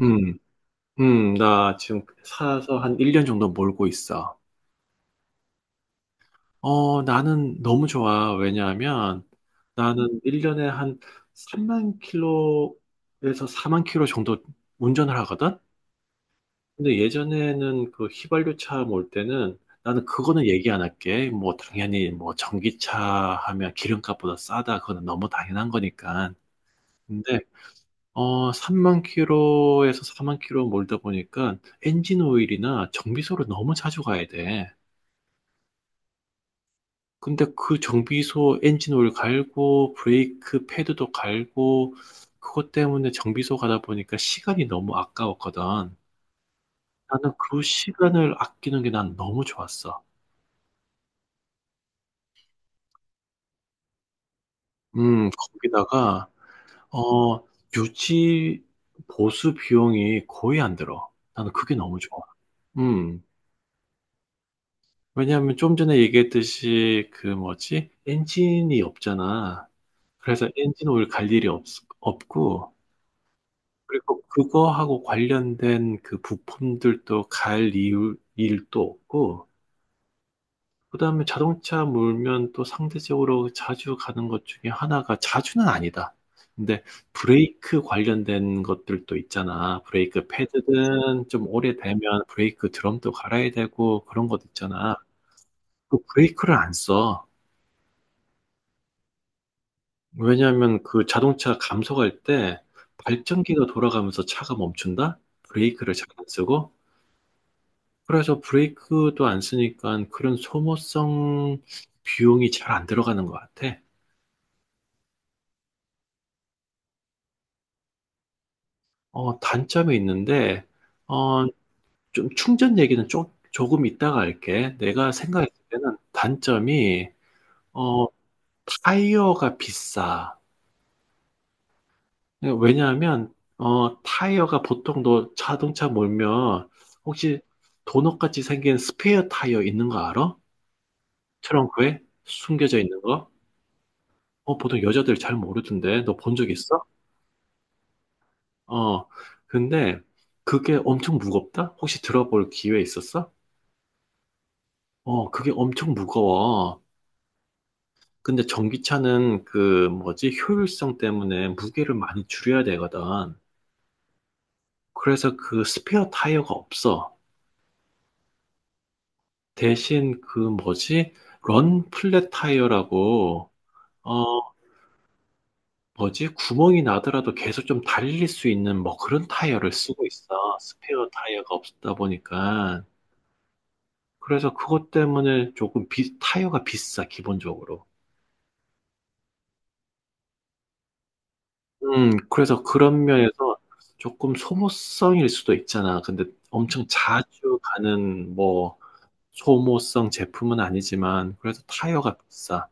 음, 나 지금 사서 한 1년 정도 몰고 있어. 나는 너무 좋아. 왜냐하면 나는 1년에 한 3만 킬로에서 4만 킬로 정도 운전을 하거든? 근데 예전에는 그 휘발유 차 몰 때는 나는 그거는 얘기 안 할게. 뭐, 당연히 뭐, 전기차 하면 기름값보다 싸다. 그거는 너무 당연한 거니까. 근데 3만 킬로에서 4만 킬로 몰다 보니까 엔진 오일이나 정비소를 너무 자주 가야 돼. 근데 그 정비소 엔진 오일 갈고 브레이크 패드도 갈고 그것 때문에 정비소 가다 보니까 시간이 너무 아까웠거든. 나는 그 시간을 아끼는 게 난 너무 좋았어. 거기다가 어, 유지 보수 비용이 거의 안 들어. 나는 그게 너무 좋아. 음. 왜냐하면 좀 전에 얘기했듯이 그 뭐지? 엔진이 없잖아. 그래서 엔진 오일 갈 일이 없, 없고, 그리고 그거하고 관련된 그 부품들도 일도 없고, 그 다음에 자동차 몰면 또 상대적으로 자주 가는 것 중에 하나가 자주는 아니다. 근데 브레이크 관련된 것들도 있잖아. 브레이크 패드든 좀 오래되면 브레이크 드럼도 갈아야 되고 그런 것 있잖아. 그 브레이크를 안 써. 왜냐하면 그 자동차 감속할 때 발전기가 돌아가면서 차가 멈춘다? 브레이크를 잘 안 쓰고? 그래서 브레이크도 안 쓰니까 그런 소모성 비용이 잘 안 들어가는 것 같아. 어, 단점이 있는데, 어, 좀 충전 얘기는 조금 이따가 할게. 내가 생각했을 때는 단점이, 어, 타이어가 비싸. 왜냐하면 타이어가 보통 너 자동차 몰면 혹시 도넛같이 생긴 스페어 타이어 있는 거 알아? 트렁크에 숨겨져 있는 거? 어, 보통 여자들 잘 모르던데 너 본 적 있어? 어, 근데 그게 엄청 무겁다? 혹시 들어볼 기회 있었어? 어, 그게 엄청 무거워. 근데 전기차는 그 뭐지 효율성 때문에 무게를 많이 줄여야 되거든. 그래서 그 스페어 타이어가 없어. 대신 그 뭐지? 런 플랫 타이어라고 어 뭐지? 구멍이 나더라도 계속 좀 달릴 수 있는 뭐 그런 타이어를 쓰고 있어. 스페어 타이어가 없다 보니까. 그래서 그것 때문에 타이어가 비싸, 기본적으로. 그래서 그런 면에서 조금 소모성일 수도 있잖아. 근데 엄청 자주 가는 뭐 소모성 제품은 아니지만 그래서 타이어가 비싸.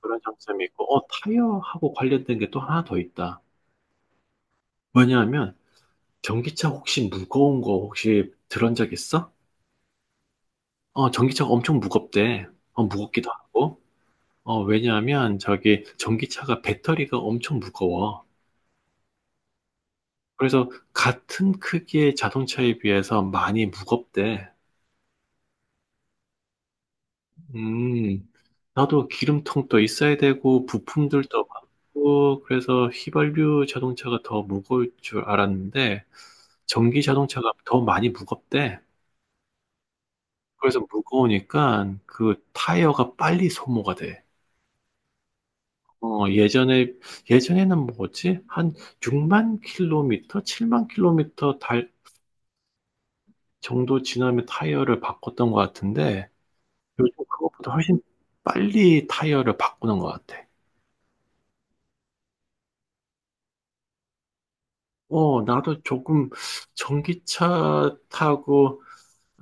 그런 장점이 있고, 어, 타이어하고 관련된 게 또 하나 더 있다. 왜냐하면, 전기차 혹시 무거운 거 혹시 들은 적 있어? 어, 전기차가 엄청 무겁대. 어, 무겁기도 하고. 어, 왜냐하면, 저기, 전기차가 배터리가 엄청 무거워. 그래서, 같은 크기의 자동차에 비해서 많이 무겁대. 음, 나도 기름통도 있어야 되고, 부품들도 많고, 그래서 휘발유 자동차가 더 무거울 줄 알았는데, 전기 자동차가 더 많이 무겁대. 그래서 무거우니까 그 타이어가 빨리 소모가 돼. 어, 예전에, 예전에는 뭐였지? 한 6만 킬로미터, 7만 킬로미터 달 정도 지나면 타이어를 바꿨던 것 같은데, 요즘 그것보다 훨씬 빨리 타이어를 바꾸는 것 같아. 어, 나도 조금 전기차 타고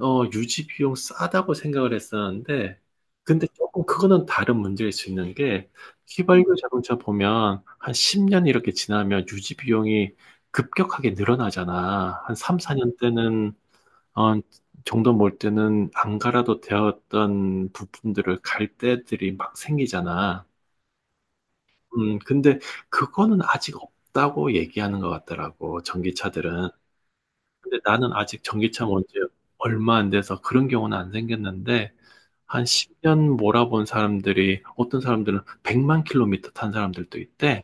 유지 비용 싸다고 생각을 했었는데, 근데 조금 그거는 다른 문제일 수 있는 게, 휘발유 자동차 보면 한 10년 이렇게 지나면 유지 비용이 급격하게 늘어나잖아. 한 3, 4년 때는, 어, 정도 몰 때는 안 갈아도 되었던 부품들을 갈 때들이 막 생기잖아. 근데 그거는 아직 없다고 얘기하는 것 같더라고, 전기차들은. 근데 나는 아직 전기차 뭔지 얼마 안 돼서 그런 경우는 안 생겼는데, 한 10년 몰아본 사람들이 어떤 사람들은 100만 킬로미터 탄 사람들도 있대.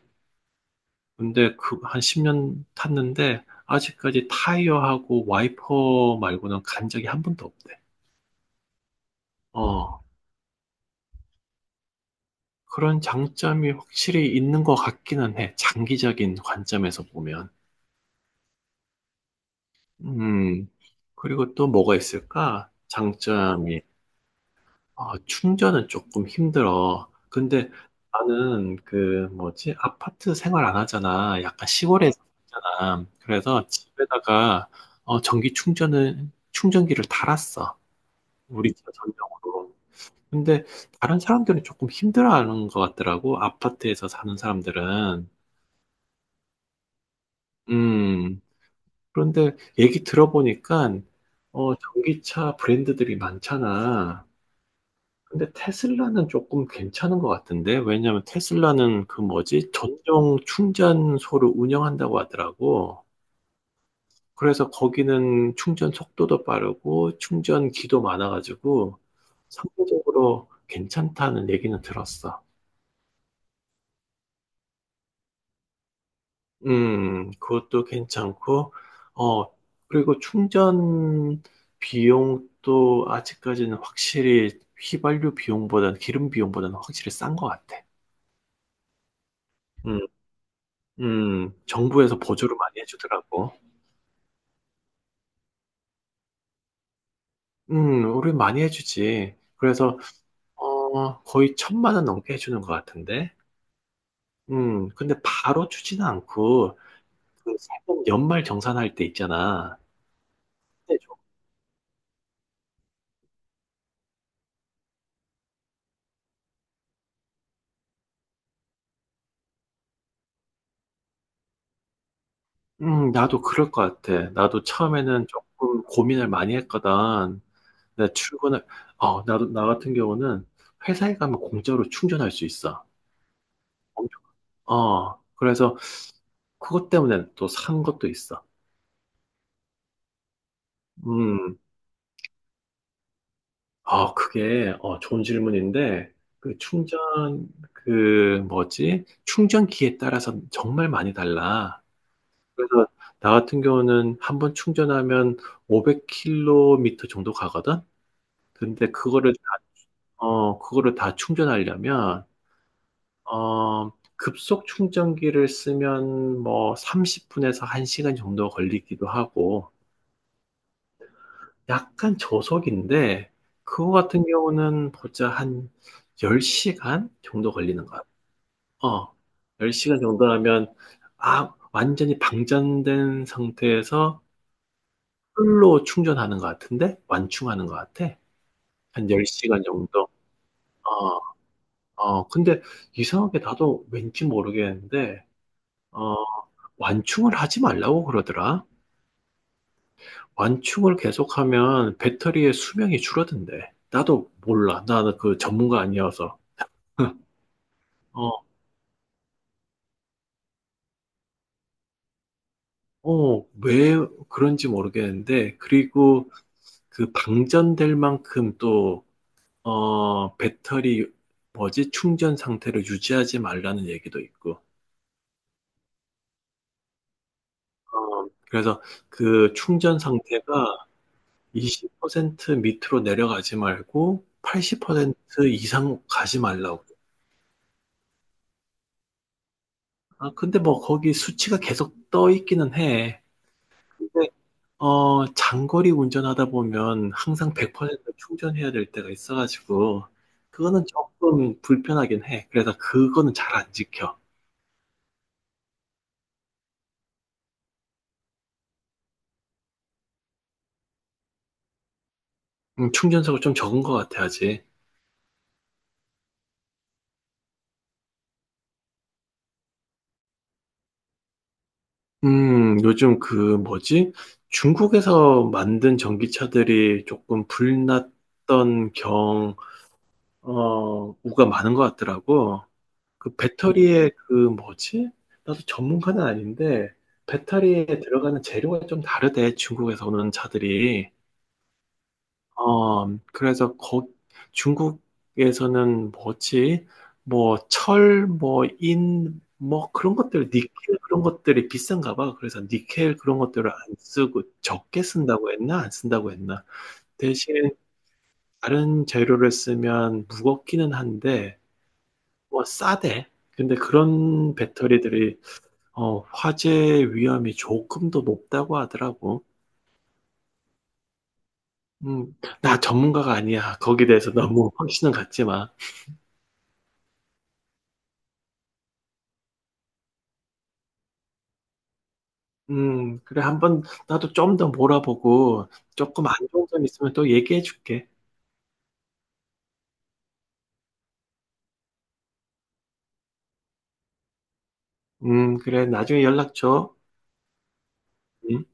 근데 그 한 10년 탔는데 아직까지 타이어하고 와이퍼 말고는 간 적이 한 번도 없대. 어, 그런 장점이 확실히 있는 것 같기는 해. 장기적인 관점에서 보면. 음, 그리고 또 뭐가 있을까? 장점이 아, 충전은 조금 힘들어. 근데 나는 그 뭐지? 아파트 생활 안 하잖아. 약간 시골에 살잖아. 그래서 집에다가 전기 충전을 충전기를 달았어. 우리 집 전용으로. 근데 다른 사람들은 조금 힘들어하는 것 같더라고. 아파트에서 사는 사람들은. 음. 그런데 얘기 들어보니까 어, 전기차 브랜드들이 많잖아. 근데 테슬라는 조금 괜찮은 것 같은데, 왜냐면 테슬라는 그 뭐지? 전용 충전소를 운영한다고 하더라고. 그래서 거기는 충전 속도도 빠르고, 충전기도 많아가지고, 상대적으로 괜찮다는 얘기는 들었어. 그것도 괜찮고, 어, 그리고 충전 비용도 아직까지는 확실히 휘발유 비용보다는 기름 비용보다는 확실히 싼 것 같아. 음. 음. 정부에서 보조를 많이 해 주더라고. 음. 우리 많이 해 주지. 그래서 거의 1,000만 원 넘게 해 주는 것 같은데. 음. 근데 바로 주지는 않고 그 세금 연말 정산할 때 있잖아. 그때 줘. 음. 나도 그럴 것 같아. 나도 처음에는 쪼끔 고민을 많이 했거든. 내가 출근을 나도 나 같은 경우는 회사에 가면 공짜로 충전할 수 있어. 엄청 어. 그래서 그것 때문에 또 산 것도 있어. 음. 아, 그게, 좋은 질문인데, 그 충전, 그, 뭐지? 충전기에 따라서 정말 많이 달라. 그래서, 나 같은 경우는 한 번 충전하면 500km 정도 가거든? 근데 그거를, 다- 그거를 다 충전하려면, 어, 급속 충전기를 쓰면 뭐 30분에서 1시간 정도 걸리기도 하고, 약간 저속인데 그거 같은 경우는 보자 한 10시간 정도 걸리는 거야 어. 10시간 정도라면 아, 완전히 방전된 상태에서 풀로 충전하는 것 같은데 완충하는 것 같아. 한 10시간 정도. 어. 어. 근데 이상하게 나도 왠지 모르겠는데 어, 완충을 하지 말라고 그러더라. 완충을 계속하면 배터리의 수명이 줄어든대. 나도 몰라. 나는 그 전문가 아니어서. 어, 왜 그런지 모르겠는데, 그리고 그 방전될 만큼 또, 어, 배터리, 뭐지, 충전 상태를 유지하지 말라는 얘기도 있고, 그래서 그 충전 상태가 20% 밑으로 내려가지 말고, 80% 이상 가지 말라고. 아, 근데 뭐 거기 수치가 계속 떠 있기는 해. 근데 장거리 운전하다 보면 항상 네. 100% 충전해야 될 때가 있어가지고, 그거는 조금 불편하긴 해. 그래서 그거는 잘 안 지켜. 충전석을 좀 적은 것 같아, 아직. 요즘 그, 뭐지? 중국에서 만든 전기차들이 조금 불났던 경, 우가 많은 것 같더라고. 그 배터리에 그, 뭐지? 나도 전문가는 아닌데, 배터리에 들어가는 재료가 좀 다르대, 중국에서 오는 차들이. 어, 그래서 거, 중국에서는 뭐지? 뭐, 철, 뭐, 인, 뭐, 그런 것들, 니켈 그런 것들이 비싼가 봐. 그래서 니켈 그런 것들을 안 쓰고 적게 쓴다고 했나? 안 쓴다고 했나? 대신 다른 재료를 쓰면 무겁기는 한데, 뭐, 싸대. 근데 그런 배터리들이, 화재 위험이 조금 더 높다고 하더라고. 음, 나 전문가가 아니야. 거기에 대해서 너무 확신은 갖지 마. 그래, 한번 나도 좀 더 몰아보고 조금 안 좋은 점 있으면 또 얘기해 줄게. 그래, 나중에 연락 줘. 음.